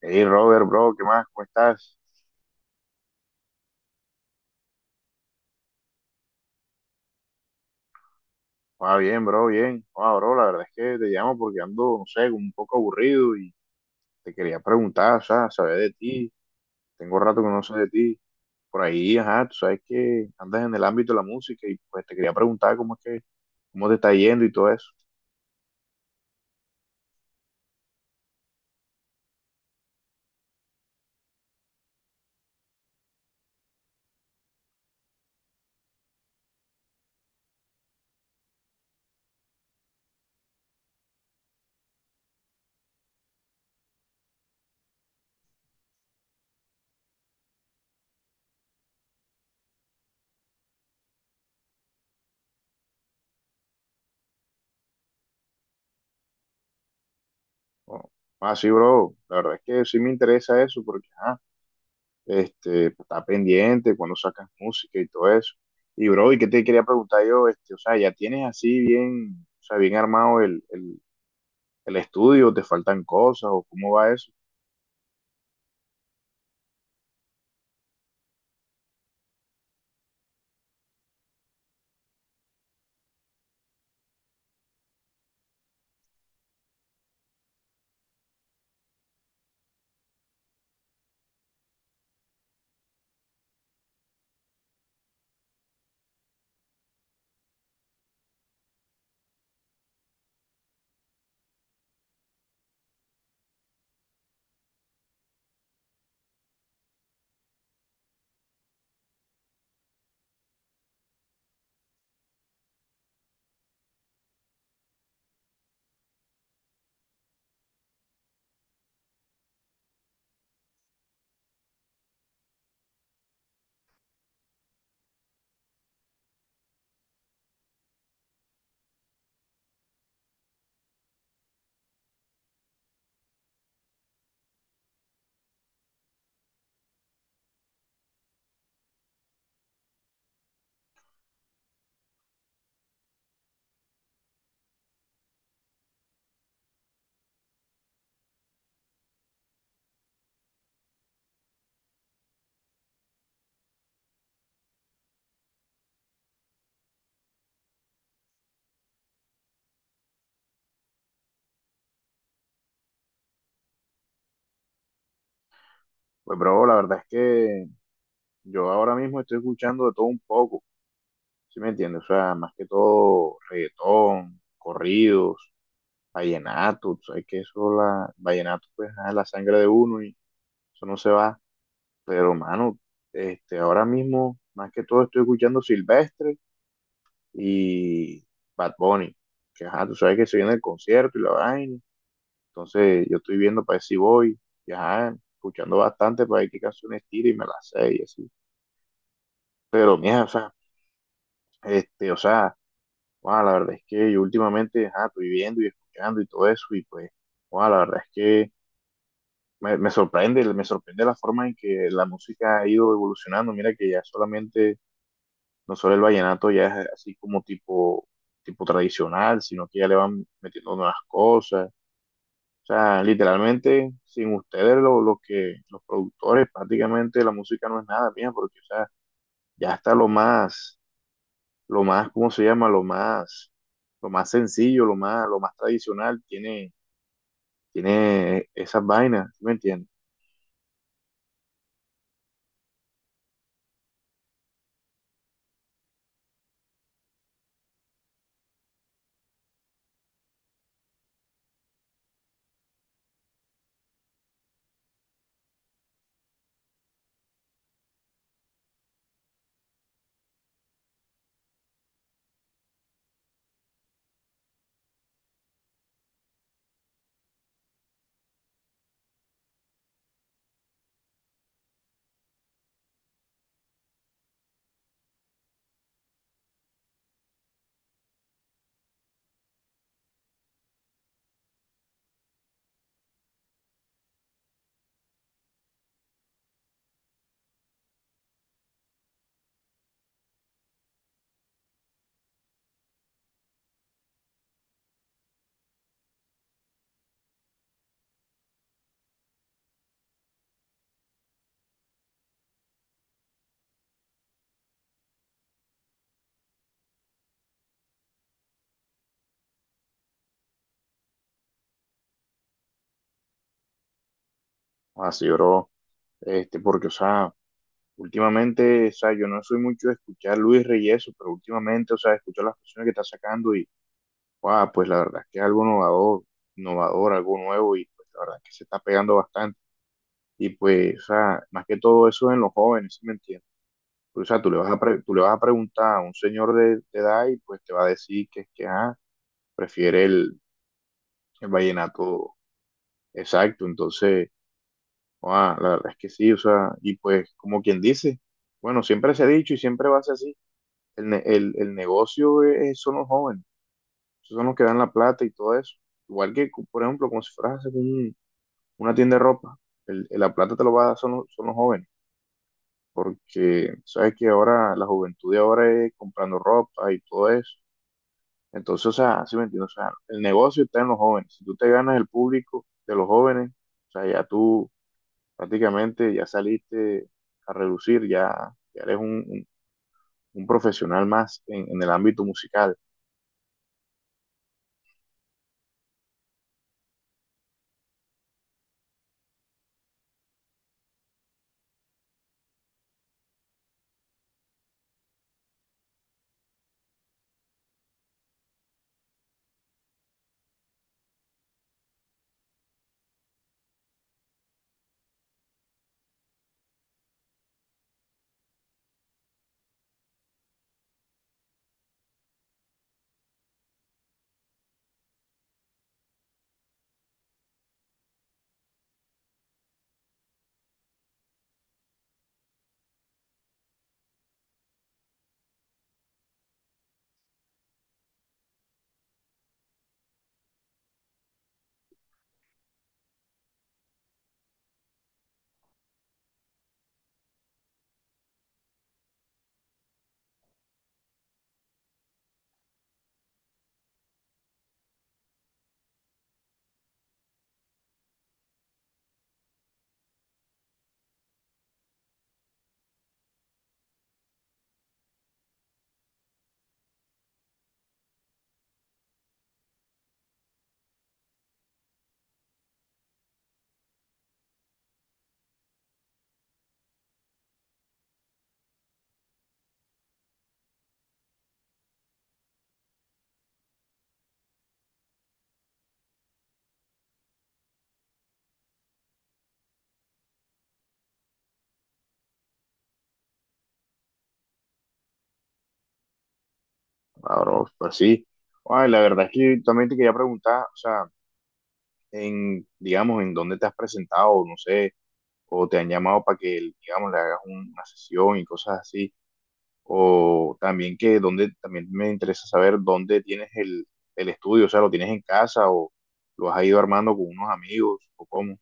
Hey Robert, bro, ¿qué más? ¿Cómo estás? Va bien, bro, bien. Ah, bro, la verdad es que te llamo porque ando, no sé, como un poco aburrido y te quería preguntar, o sea, saber de ti. Tengo rato que no sé de ti. Por ahí, ajá, tú sabes que andas en el ámbito de la música y pues te quería preguntar cómo te está yendo y todo eso. Bueno, ah, sí, bro, la verdad es que sí me interesa eso porque, ajá, este, pues, está pendiente cuando sacas música y todo eso. Y, bro, ¿y qué te quería preguntar yo? Este, o sea, ya tienes así bien, o sea, bien armado el estudio, te faltan cosas o cómo va eso. Pues, bro, la verdad es que yo ahora mismo estoy escuchando de todo un poco, ¿sí me entiendes? O sea, más que todo reggaetón, corridos, vallenato, tú sabes que eso, vallenato, pues, ah, es la sangre de uno y eso no se va. Pero, mano, este, ahora mismo, más que todo, estoy escuchando Silvestre y Bad Bunny, que, ajá, tú sabes que se viene el concierto y la vaina. Entonces yo estoy viendo para ver si voy, y, ajá, escuchando bastante para ver qué canciones tira y me las sé y así. Pero mira, o sea, este, o sea, guau, la verdad es que yo últimamente, ajá, estoy viendo y escuchando y todo eso y pues, guau, la verdad es que me sorprende la forma en que la música ha ido evolucionando. Mira que ya solamente, no solo el vallenato ya es así como tipo tradicional, sino que ya le van metiendo nuevas cosas. O sea, literalmente, sin ustedes, los productores, prácticamente la música no es nada mía, porque o sea, ya está lo más, ¿cómo se llama? Lo más sencillo, lo más tradicional, tiene esas vainas, ¿me entiendes? Así lloró, este, porque, o sea, últimamente, o sea, yo no soy mucho de escuchar Luis Reyes, pero últimamente, o sea, escucho las canciones que está sacando y, wow, pues la verdad es que es algo innovador, innovador, algo nuevo y pues la verdad es que se está pegando bastante. Y pues, o sea, más que todo eso en los jóvenes, ¿sí me entiendes? Pues, o sea, tú le vas a preguntar a un señor de edad y pues te va a decir que es que, ah, prefiere el vallenato, exacto. Entonces, ah, la verdad es que sí, o sea, y pues como quien dice, bueno, siempre se ha dicho y siempre va a ser así, el negocio son los jóvenes, esos son los que dan la plata y todo eso. Igual que, por ejemplo, como si fueras a hacer una tienda de ropa, la plata te lo va a dar son los jóvenes. Porque sabes que ahora la juventud de ahora es comprando ropa y todo eso. Entonces, o sea, sí me entiendes, o sea, el negocio está en los jóvenes. Si tú te ganas el público de los jóvenes, o sea, ya tú prácticamente ya saliste a relucir, ya, ya eres un profesional más en el ámbito musical. Ahora, pues sí. Ay, la verdad es que también te quería preguntar, o sea, en, digamos, en dónde te has presentado, no sé, o te han llamado para que, digamos, le hagas una sesión y cosas así. O también que dónde, también me interesa saber dónde tienes el estudio, o sea, lo tienes en casa o lo has ido armando con unos amigos o cómo.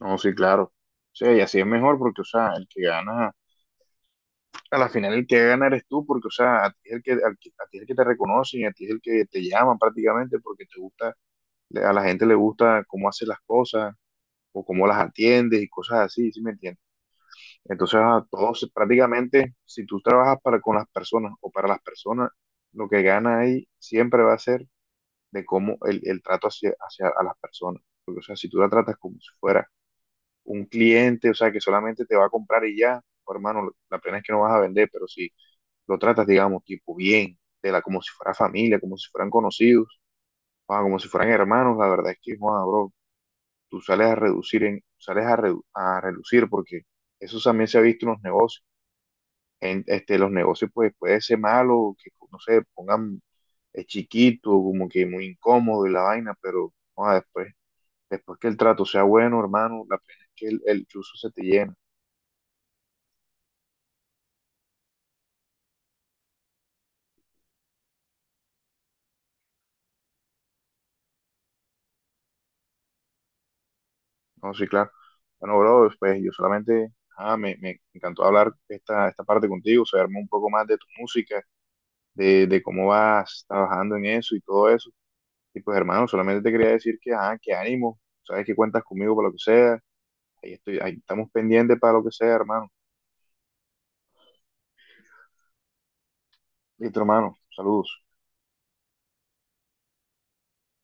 No, sí, claro. O sea, y así es mejor porque, o sea, el que gana, a la final el que gana eres tú porque, o sea, a ti es el que, al que- a ti es el que te reconocen, a ti es el que te llaman prácticamente porque te gusta, a la gente le gusta cómo haces las cosas o cómo las atiendes y cosas así, ¿sí me entiendes? Entonces, a todos prácticamente, si tú trabajas para con las personas o para las personas, lo que gana ahí siempre va a ser de cómo el trato hacia a las personas. Porque, o sea, si tú la tratas como si fuera un cliente, o sea, que solamente te va a comprar y ya, oh, hermano, la pena es que no vas a vender, pero si lo tratas, digamos, tipo bien, como si fuera familia, como si fueran conocidos, ah, como si fueran hermanos, la verdad es que, joda, bro, tú sales a reducir, en, sales a, redu- a reducir porque eso también se ha visto en los negocios este, los negocios pues puede ser malo, que no sé, pongan chiquito, como que muy incómodo y la vaina, pero joda, después, después que el trato sea bueno, hermano, la pena es que el chuzo se te llena. No, sí, claro. Bueno, bro, pues yo solamente, ah, me encantó hablar esta parte contigo, saberme un poco más de tu música, de cómo vas trabajando en eso y todo eso. Y pues hermano, solamente te quería decir que, ah, que ánimo, sabes que cuentas conmigo para lo que sea, ahí estoy, ahí estamos pendientes para lo que sea, hermano. Listo, hermano. Saludos.